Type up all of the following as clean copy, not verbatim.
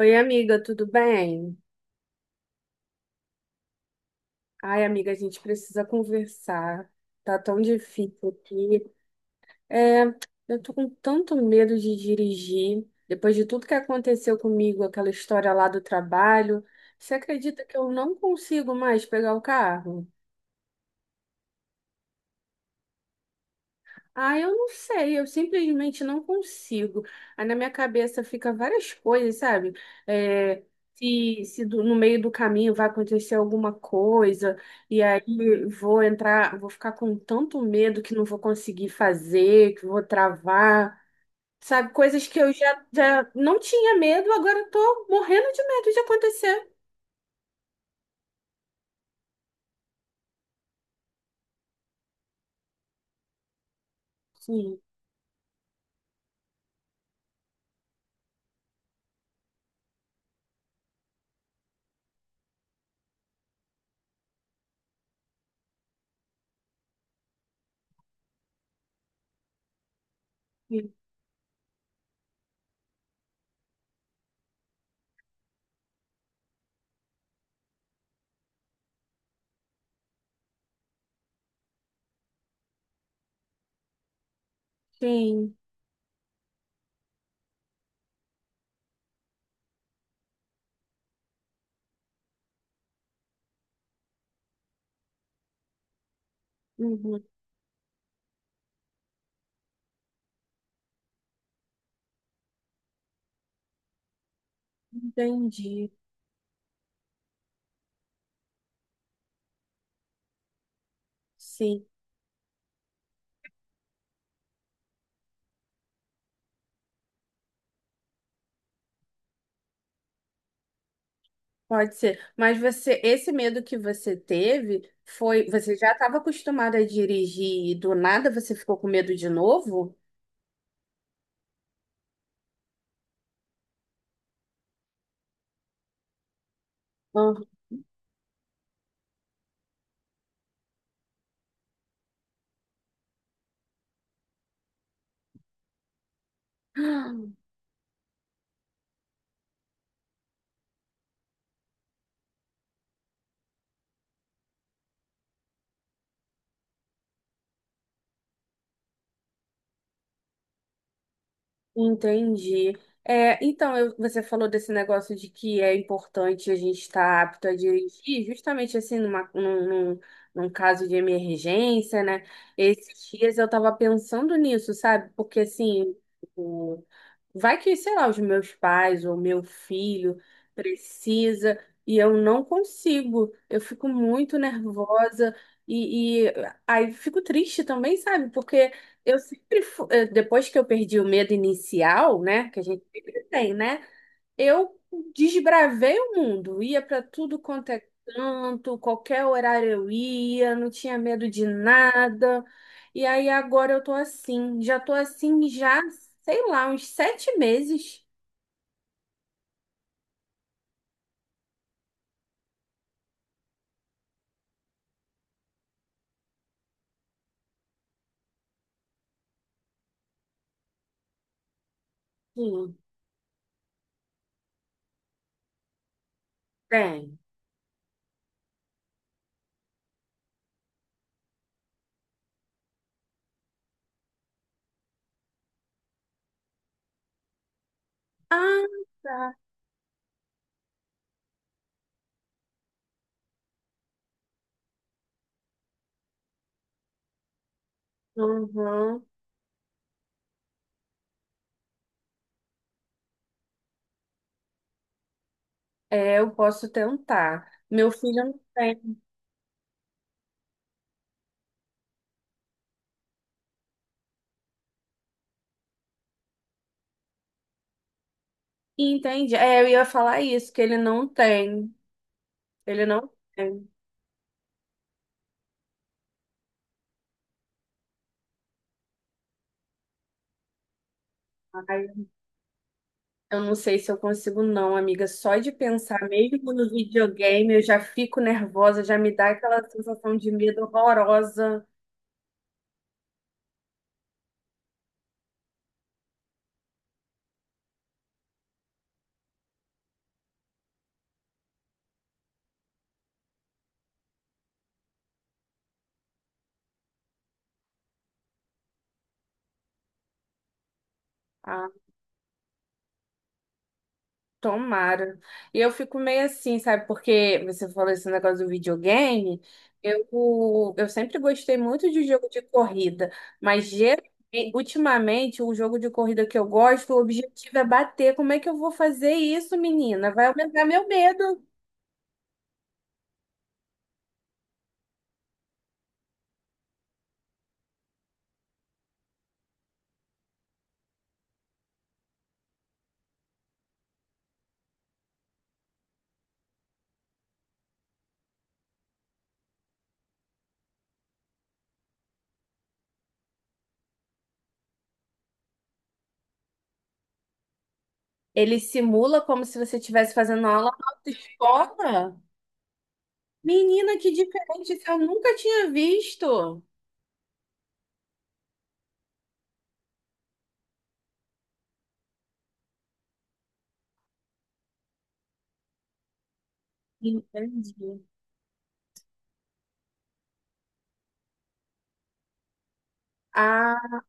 Oi, amiga, tudo bem? Ai, amiga, a gente precisa conversar. Tá tão difícil aqui. É, eu tô com tanto medo de dirigir. Depois de tudo que aconteceu comigo, aquela história lá do trabalho, você acredita que eu não consigo mais pegar o carro? Ah, eu não sei, eu simplesmente não consigo. Aí na minha cabeça fica várias coisas, sabe? É, se se do- No meio do caminho vai acontecer alguma coisa, e aí vou entrar, vou ficar com tanto medo que não vou conseguir fazer, que vou travar, sabe? Coisas que eu já não tinha medo, agora eu tô morrendo de medo de acontecer. Sim, sim, sim. Uhum, entendi. Sim. Pode ser, mas você, esse medo que você teve foi, você já estava acostumada a dirigir e do nada você ficou com medo de novo? Ah, Entendi. Você falou desse negócio de que é importante a gente estar apto a dirigir, justamente assim, num, num caso de emergência, né? Esses dias eu estava pensando nisso, sabe? Porque assim, o- vai que, sei lá, os meus pais ou meu filho precisa e eu não consigo. Eu fico muito nervosa e aí fico triste também, sabe? Porque eu sempre, depois que eu perdi o medo inicial, né? Que a gente sempre tem, né? Eu desbravei o mundo, ia para tudo quanto é canto, qualquer horário eu ia, não tinha medo de nada. E aí agora eu tô assim, sei lá, uns 7 meses. Sim, tem. Ah, tá. Uhum. É, eu posso tentar. Meu filho não tem. Entende? É, eu ia falar isso, que ele não tem. Ele não tem. Eu não sei se eu consigo, não, amiga. Só de pensar, mesmo no videogame, eu já fico nervosa, já me dá aquela sensação de medo horrorosa. Ah, tomara. E eu fico meio assim, sabe? Porque você falou esse negócio do videogame. Eu sempre gostei muito de jogo de corrida, mas geralmente, ultimamente, o jogo de corrida que eu gosto, o objetivo é bater. Como é que eu vou fazer isso, menina? Vai aumentar meu medo. Ele simula como se você estivesse fazendo aula na autoescola? Menina, que diferente, isso eu nunca tinha visto. Entendi. Ah,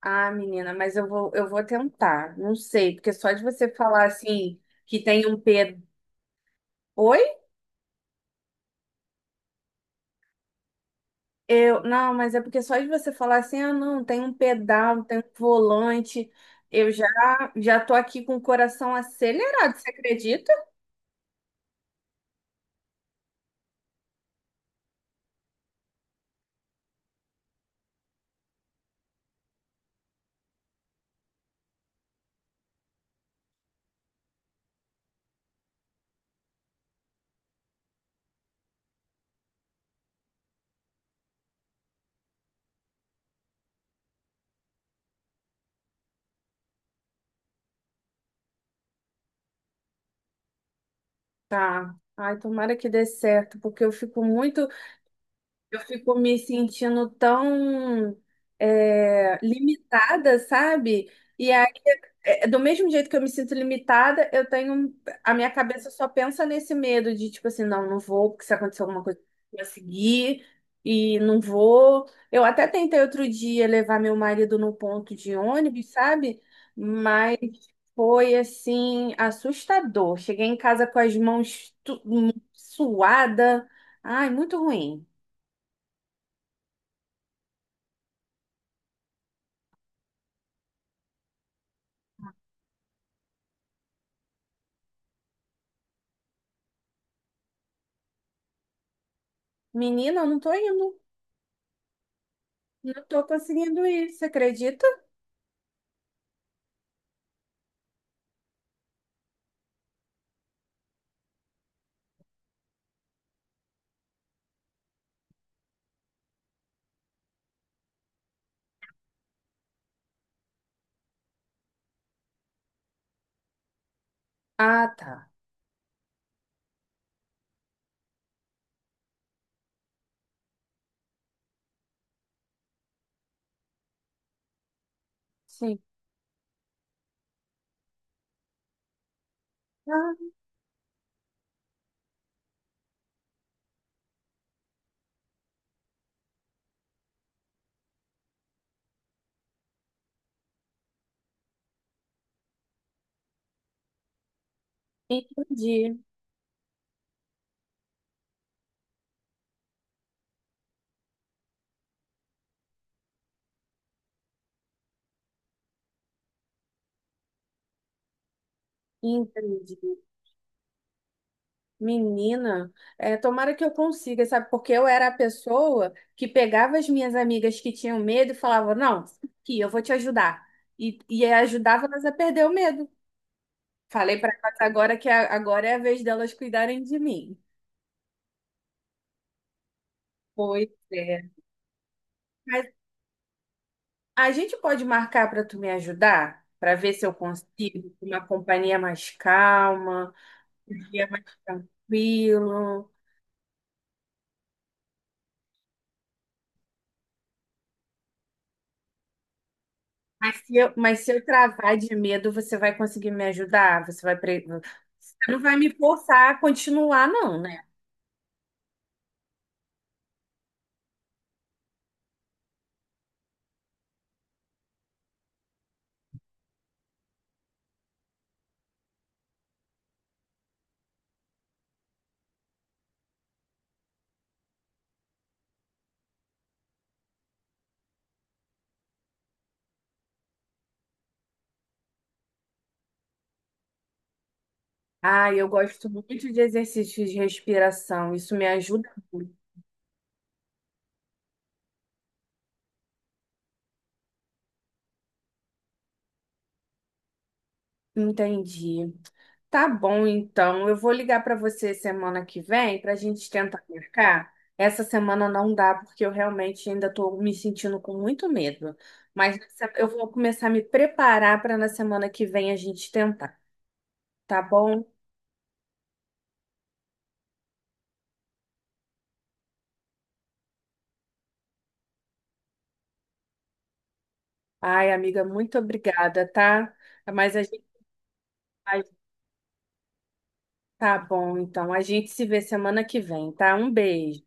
ah, menina, eu vou tentar. Não sei, porque só de você falar assim que tem um ped... Oi? Eu, não, mas é porque só de você falar assim, ah, não, tem um pedal, tem um volante. Eu já já tô aqui com o coração acelerado, você acredita? Tá. Ai, tomara que dê certo, porque eu fico muito. Eu fico me sentindo tão limitada, sabe? E aí, é, do mesmo jeito que eu me sinto limitada, eu tenho. A minha cabeça só pensa nesse medo de, tipo assim, não vou, porque se acontecer alguma coisa, eu vou seguir, e não vou. Eu até tentei outro dia levar meu marido no ponto de ônibus, sabe? Mas foi, assim, assustador. Cheguei em casa com as mãos suada. Ai, muito ruim. Menina, eu não tô indo. Não tô conseguindo ir. Você acredita? Ah, tá. Sim. Ah, entendi. Entendi. Menina, é, tomara que eu consiga, sabe? Porque eu era a pessoa que pegava as minhas amigas que tinham medo e falava: não, aqui, eu vou te ajudar. E ajudava elas a perder o medo. Falei pra elas agora agora é a vez delas cuidarem de mim. Pois é. Mas a gente pode marcar para tu me ajudar, para ver se eu consigo uma companhia mais calma, um dia mais tranquilo. Mas se eu travar de medo, você vai conseguir me ajudar? Você não vai me forçar a continuar, não, né? Ah, eu gosto muito de exercícios de respiração. Isso me ajuda muito. Entendi. Tá bom, então. Eu vou ligar para você semana que vem para a gente tentar marcar. Essa semana não dá, porque eu realmente ainda estou me sentindo com muito medo. Eu vou começar a me preparar para na semana que vem a gente tentar, tá bom? Ai, amiga, muito obrigada, tá? Mas a gente. Ai, tá bom, então. A gente se vê semana que vem, tá? Um beijo.